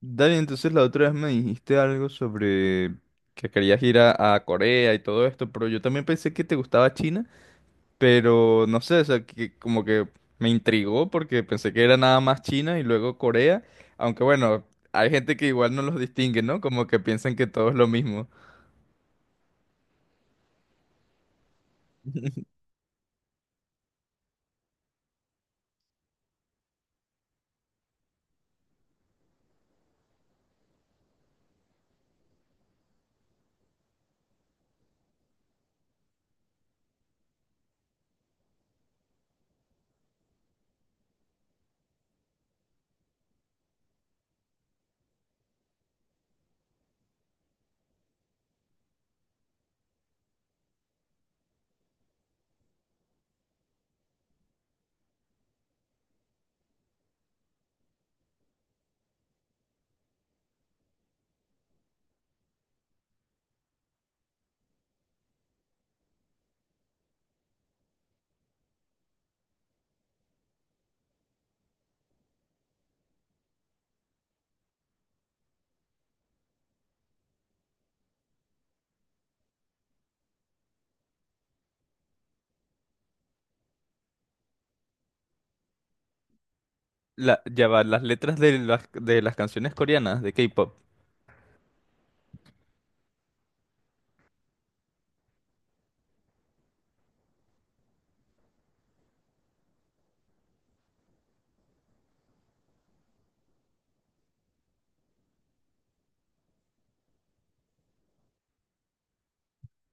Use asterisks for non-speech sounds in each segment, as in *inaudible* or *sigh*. Dale, entonces la otra vez me dijiste algo sobre que querías ir a Corea y todo esto, pero yo también pensé que te gustaba China, pero no sé, o sea, que como que me intrigó porque pensé que era nada más China y luego Corea, aunque bueno, hay gente que igual no los distingue, ¿no? Como que piensan que todo es lo mismo. La, ya va, las letras de las canciones coreanas de K-pop.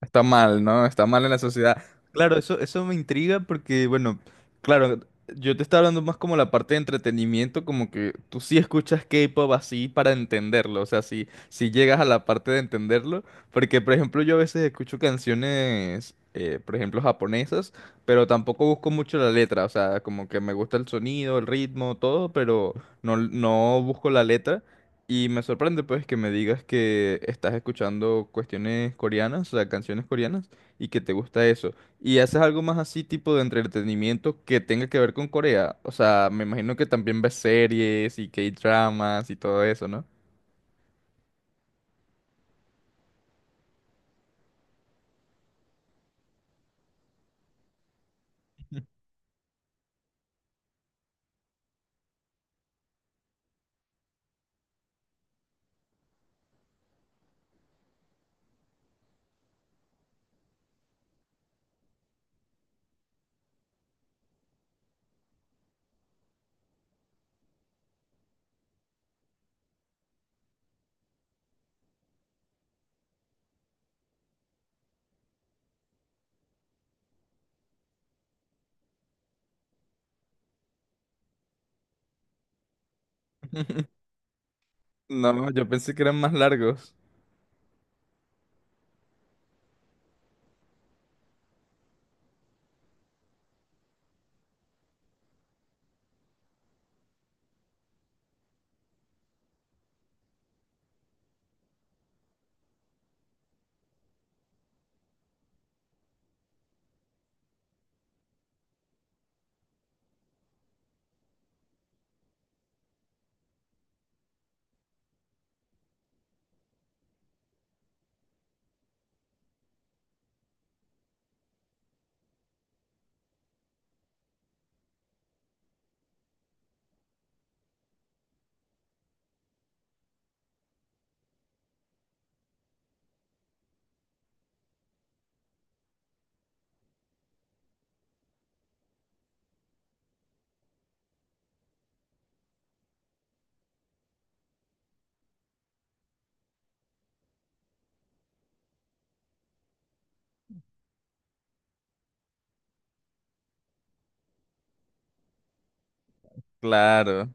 Está mal, ¿no? Está mal en la sociedad. Claro. Eso, eso me intriga porque, bueno, claro, yo te estaba hablando más como la parte de entretenimiento, como que tú sí escuchas K-pop así para entenderlo, o sea, si llegas a la parte de entenderlo, porque, por ejemplo, yo a veces escucho canciones, por ejemplo, japonesas, pero tampoco busco mucho la letra, o sea, como que me gusta el sonido, el ritmo, todo, pero no busco la letra. Y me sorprende pues que me digas que estás escuchando cuestiones coreanas, o sea, canciones coreanas, y que te gusta eso. ¿Y haces algo más así tipo de entretenimiento que tenga que ver con Corea? O sea, me imagino que también ves series y K-dramas y todo eso, ¿no? *laughs* No, yo pensé que eran más largos. Claro.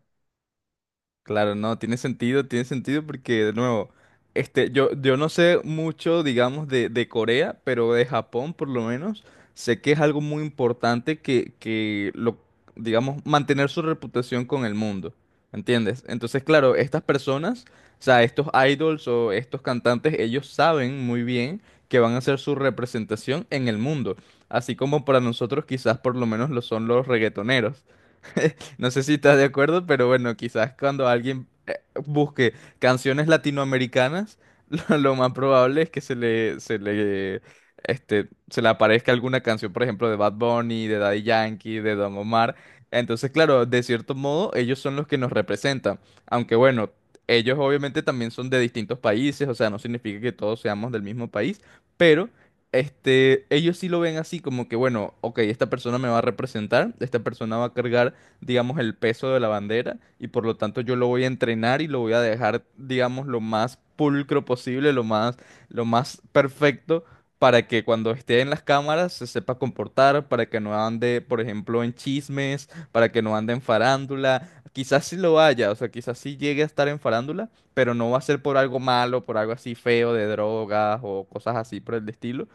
Claro, no, tiene sentido porque, de nuevo, este, yo no sé mucho, digamos, de Corea, pero de Japón, por lo menos, sé que es algo muy importante que lo, digamos, mantener su reputación con el mundo, ¿entiendes? Entonces, claro, estas personas, o sea, estos idols o estos cantantes, ellos saben muy bien que van a ser su representación en el mundo, así como para nosotros quizás por lo menos lo son los reggaetoneros. *laughs* No sé si estás de acuerdo, pero bueno, quizás cuando alguien busque canciones latinoamericanas, *laughs* lo más probable es que se le, este, se le aparezca alguna canción, por ejemplo, de Bad Bunny, de Daddy Yankee, de Don Omar. Entonces, claro, de cierto modo, ellos son los que nos representan. Aunque bueno, ellos obviamente también son de distintos países, o sea, no significa que todos seamos del mismo país, pero... Este, ellos sí lo ven así como que, bueno, ok, esta persona me va a representar, esta persona va a cargar, digamos, el peso de la bandera y por lo tanto yo lo voy a entrenar y lo voy a dejar, digamos, lo más pulcro posible, lo más perfecto para que cuando esté en las cámaras se sepa comportar, para que no ande, por ejemplo, en chismes, para que no ande en farándula. Quizás sí lo haya, o sea, quizás sí llegue a estar en farándula, pero no va a ser por algo malo, por algo así feo de drogas o cosas así por el estilo.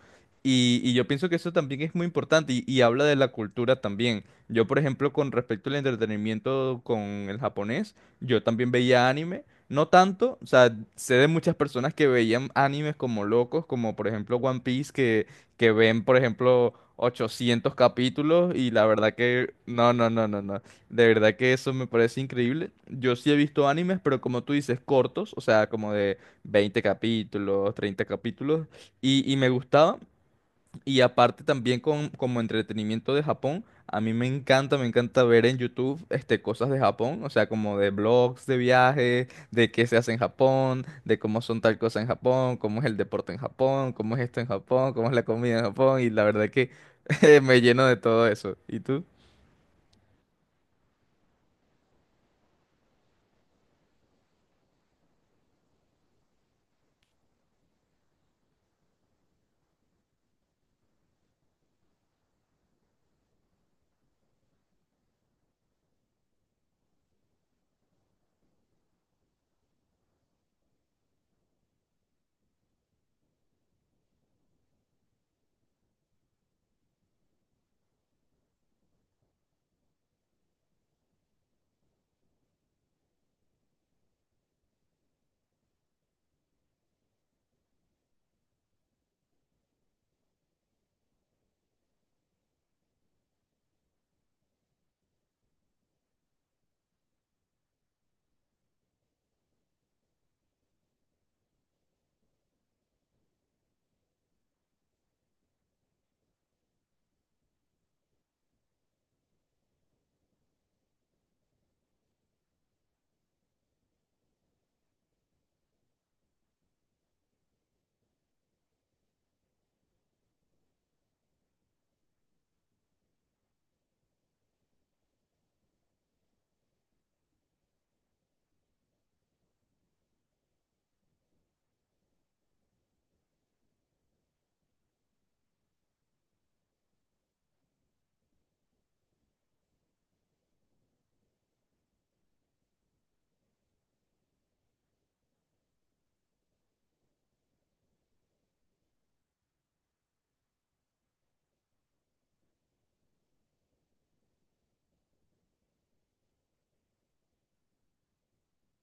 Y yo pienso que eso también es muy importante y habla de la cultura también. Yo, por ejemplo, con respecto al entretenimiento con el japonés, yo también veía anime. No tanto, o sea, sé de muchas personas que veían animes como locos, como por ejemplo One Piece, que ven, por ejemplo, 800 capítulos y la verdad que... No, no, no, no, no. De verdad que eso me parece increíble. Yo sí he visto animes, pero como tú dices, cortos, o sea, como de 20 capítulos, 30 capítulos, y me gustaban y aparte también con, como entretenimiento de Japón, a mí me encanta ver en YouTube, este, cosas de Japón, o sea, como de blogs de viaje, de qué se hace en Japón, de cómo son tal cosa en Japón, cómo es el deporte en Japón, cómo es esto en Japón, cómo es la comida en Japón, y la verdad que *laughs* me lleno de todo eso. ¿Y tú?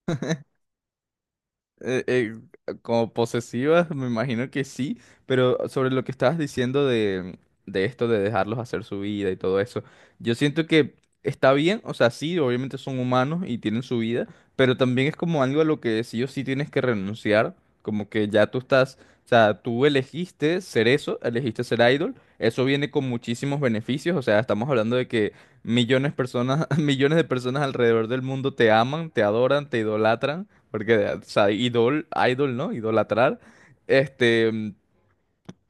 *laughs* Eh, eh, como posesivas, me imagino que sí, pero sobre lo que estabas diciendo de esto de dejarlos hacer su vida y todo eso, yo siento que está bien, o sea, sí, obviamente son humanos y tienen su vida, pero también es como algo a lo que sí o sí tienes que renunciar, como que ya tú estás, o sea, tú elegiste ser eso, elegiste ser idol, eso viene con muchísimos beneficios, o sea, estamos hablando de que millones de personas, *laughs* millones de personas alrededor del mundo te aman, te adoran, te idolatran. Porque, o sea, idol, idol, ¿no? Idolatrar, este,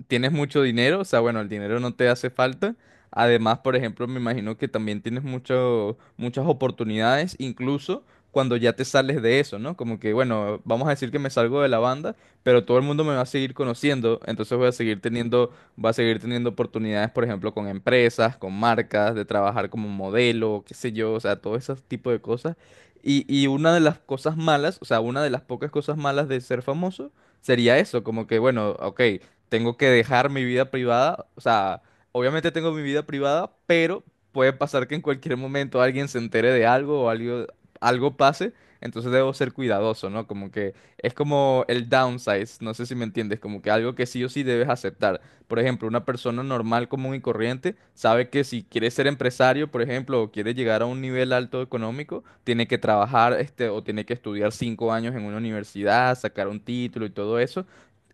tienes mucho dinero, o sea, bueno, el dinero no te hace falta. Además, por ejemplo, me imagino que también tienes mucho- muchas oportunidades, incluso cuando ya te sales de eso, ¿no? Como que, bueno, vamos a decir que me salgo de la banda, pero todo el mundo me va a seguir conociendo, entonces voy a seguir teniendo, va a seguir teniendo oportunidades, por ejemplo, con empresas, con marcas, de trabajar como modelo, qué sé yo, o sea, todo ese tipo de cosas. Y una de las cosas malas, o sea, una de las pocas cosas malas de ser famoso sería eso, como que, bueno, ok, tengo que dejar mi vida privada. O sea, obviamente tengo mi vida privada, pero puede pasar que en cualquier momento alguien se entere de algo o algo, algo pase. Entonces debo ser cuidadoso, ¿no? Como que es como el downsize, no sé si me entiendes, como que algo que sí o sí debes aceptar. Por ejemplo, una persona normal, común y corriente sabe que si quiere ser empresario, por ejemplo, o quiere llegar a un nivel alto económico, tiene que trabajar, este, o tiene que estudiar 5 años en una universidad, sacar un título y todo eso.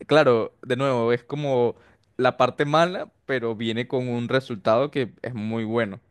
Claro, de nuevo, es como la parte mala, pero viene con un resultado que es muy bueno.